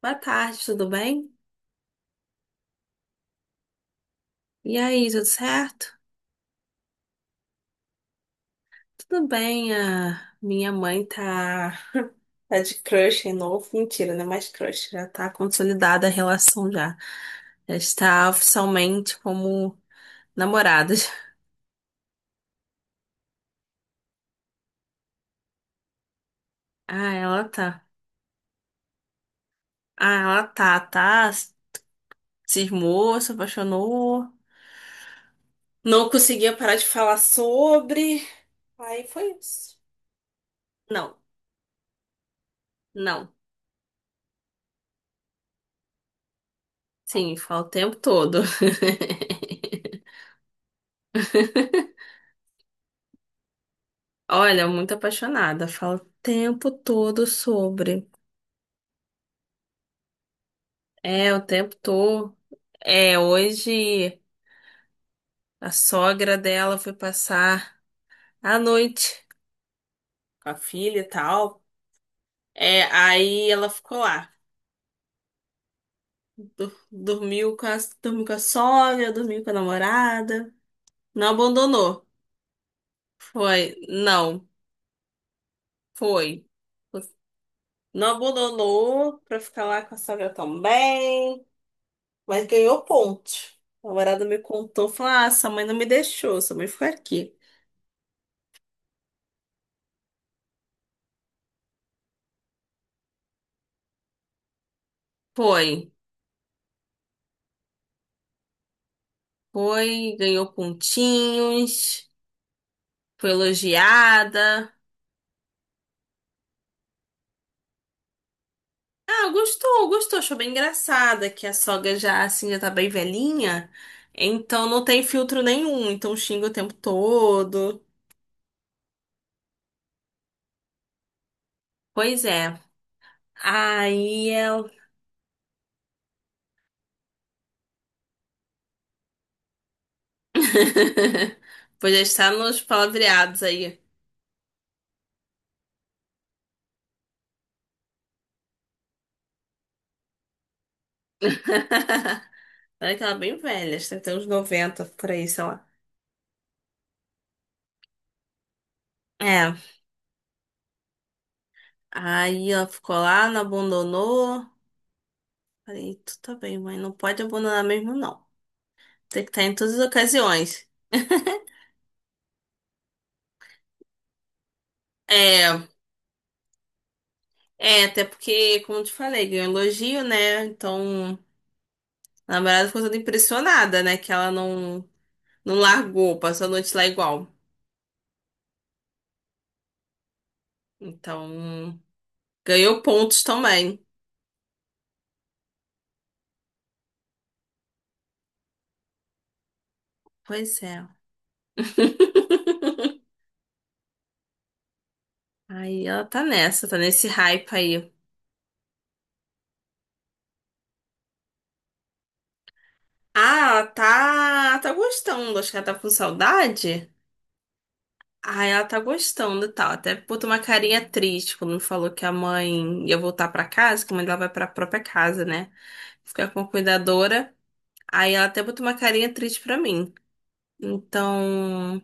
Boa tarde, tudo bem? E aí, tudo certo? Tudo bem, a minha mãe tá, tá de crush em novo. Mentira, não é mais crush, já tá consolidada a relação já. Já está oficialmente como namoradas. Ah, ela tá. Ah, ela tá, tá. Cismou, se apaixonou. Não conseguia parar de falar sobre. Aí foi isso. Não, não. Sim, fala o tempo todo. Olha, muito apaixonada. Falo o tempo todo sobre. É, o tempo todo. É, hoje a sogra dela foi passar a noite com a filha e tal. É, aí ela ficou lá. Du- Dormiu com a, dormiu com a sogra, dormiu com a namorada. Não abandonou. Foi. Não, foi. Não abandonou pra ficar lá com a sogra também. Mas ganhou ponto. O namorado me contou, falou: Ah, sua mãe não me deixou, sua mãe ficou aqui. Foi, foi, ganhou pontinhos, foi elogiada. Ah, gostou, gostou, achou bem engraçada que a sogra já, assim, já tá bem velhinha, então não tem filtro nenhum, então xinga o tempo todo. Pois é, aí ela. Pois já está nos palavreados aí. Olha que ela é bem velha, acho que tem uns 90 por aí, sei lá. É, aí ela ficou lá, não abandonou. Falei, tu tá bem, mãe, não pode abandonar mesmo, não. Tem que estar em todas as ocasiões. É, é, até porque, como eu te falei, ganhou elogio, né? Então, a namorada ficou toda impressionada, né? Que ela não, não largou, passou a noite lá igual. Então, ganhou pontos também. Pois é. Aí ela tá nessa, tá nesse hype aí. Ah, ela tá gostando. Acho que ela tá com saudade. Ah, ela tá gostando e tal. Até botou uma carinha triste quando me falou que a mãe ia voltar pra casa, que a mãe dela vai pra própria casa, né? Ficar com a cuidadora. Aí ela até botou uma carinha triste pra mim. Então,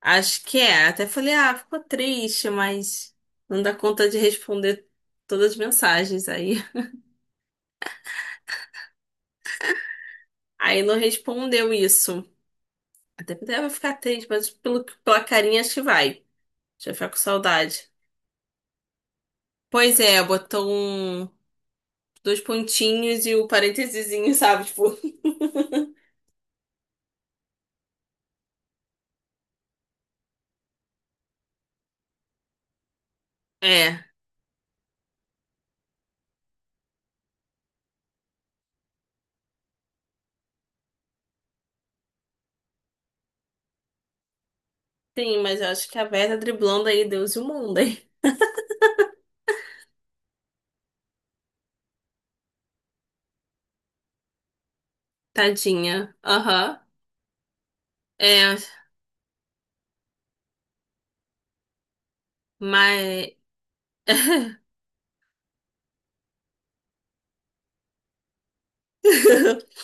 acho que é. Até falei, ah, ficou triste, mas não dá conta de responder todas as mensagens aí. Aí não respondeu isso. Até falei, ah, vai ficar triste, mas pela carinha acho que vai. Já fica com saudade. Pois é, botou dois pontinhos e o parênteses, sabe? Tipo, É. Sim, mas eu acho que a Vera tá driblando aí Deus e o mundo, hein? Tadinha. Aham. É, mas.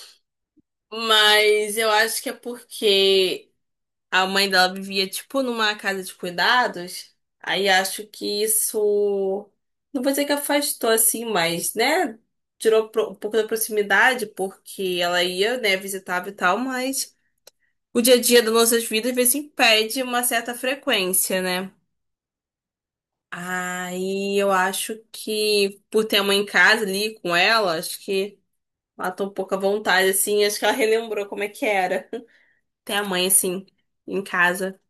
Mas eu acho que é porque a mãe dela vivia, tipo, numa casa de cuidados. Aí acho que isso. Não vou dizer que afastou assim, mas, né? Tirou um pouco da proximidade, porque ela ia, né, visitava e tal, mas. O dia a dia das nossas vidas, às vezes, impede uma certa frequência, né? Aí eu acho que, por ter a mãe em casa ali com ela, acho que matou um pouco a vontade, assim. Acho que ela relembrou como é que era ter a mãe, assim, em casa.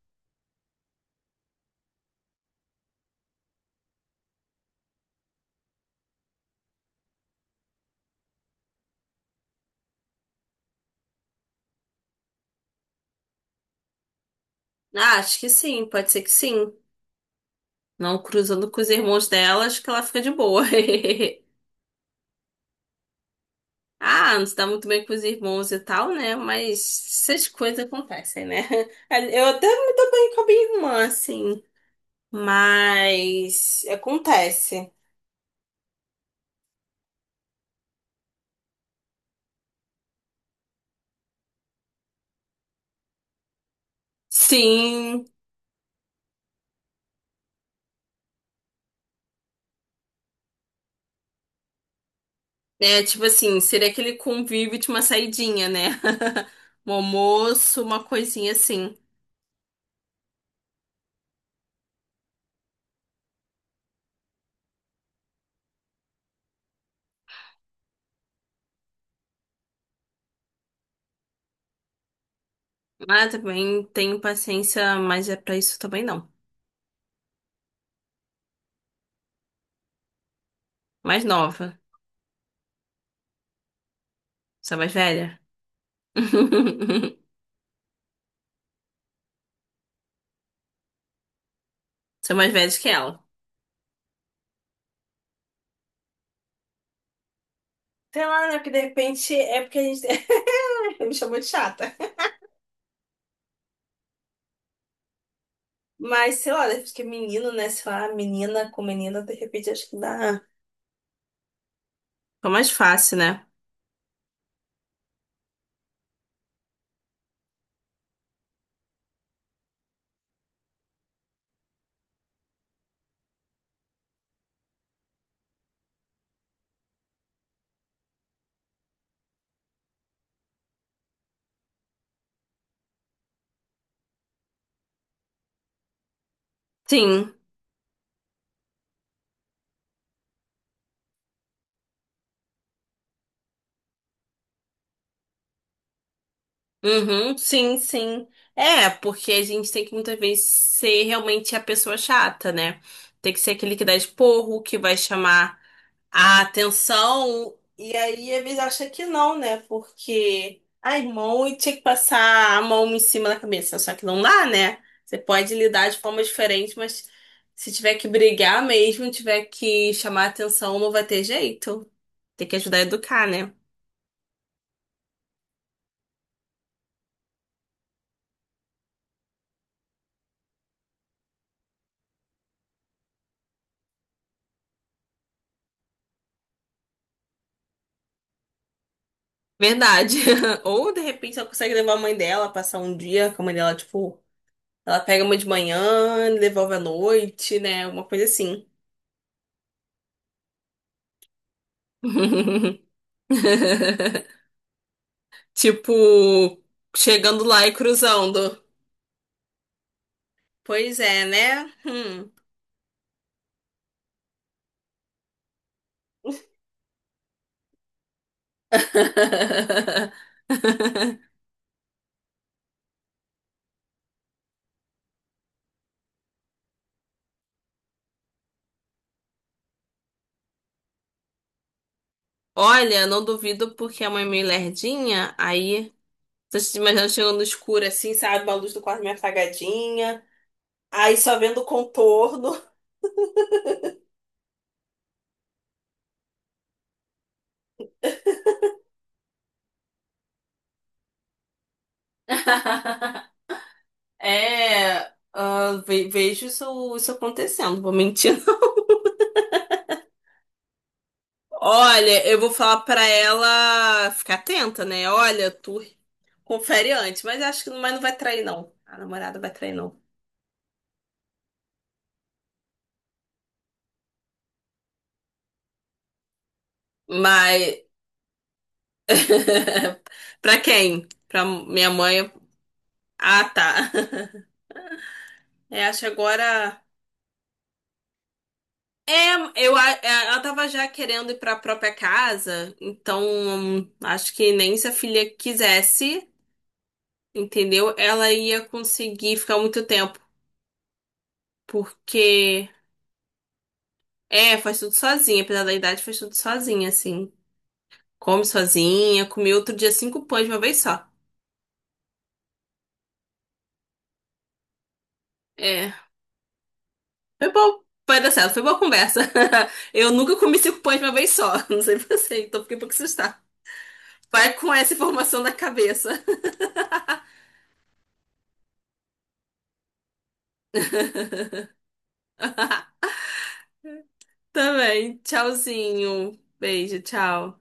Ah, acho que sim, pode ser que sim. Não cruzando com os irmãos dela, acho que ela fica de boa. Ah, não se dá muito bem com os irmãos e tal, né? Mas essas coisas acontecem, né? Eu até me dou bem com a minha irmã, assim. Mas acontece. Sim, é tipo assim, seria aquele convívio de uma saidinha, né? Um almoço, uma coisinha assim. Mas também tenho paciência, mas é pra isso também não. Mais nova, sou mais velha. Sou mais velha que ela. Sei lá, né? Porque de repente é porque a gente me chamou de chata. Mas sei lá, acho que menino, né? Sei lá, menina com menina, de repente acho que dá. Fica mais fácil, né? Sim. Uhum, sim, sim. É, porque a gente tem que muitas vezes ser realmente a pessoa chata, né? Tem que ser aquele que dá esporro, que vai chamar a atenção. E aí, às vezes, acha que não, né? Porque, ai, mão, e tinha que passar a mão em cima da cabeça. Só que não dá, né? Você pode lidar de forma diferente, mas se tiver que brigar mesmo, tiver que chamar a atenção, não vai ter jeito. Tem que ajudar a educar, né? Verdade. Ou de repente ela consegue levar a mãe dela, passar um dia com a mãe dela, tipo, ela pega uma de manhã, devolve à noite, né? Uma coisa assim. Tipo, chegando lá e cruzando. Pois é, né? Hum. Olha, não duvido porque a mãe é meio lerdinha, aí tô te imaginando chegando no escuro assim, sabe? A luz do quarto meio apagadinha, aí só vendo o contorno. É, ah, vejo isso acontecendo, vou mentir. Olha, eu vou falar pra ela ficar atenta, né? Olha, tu confere antes, mas acho que mas não vai trair, não. A namorada vai trair, não. Mas pra quem? Pra minha mãe. Ah, tá. É, acho que agora. É, eu, é, ela tava já querendo ir pra própria casa, então acho que nem se a filha quisesse. Entendeu? Ela ia conseguir ficar muito tempo, porque é, faz tudo sozinha, apesar da idade, faz tudo sozinha, assim. Come sozinha, comeu outro dia 5 pães de uma vez só. É, foi bom, vai dar certo, foi boa conversa. Eu nunca comi 5 pães de uma vez só, não sei você, então fiquei um pouco assustada. Vai com essa informação na cabeça. Também, tchauzinho. Beijo, tchau.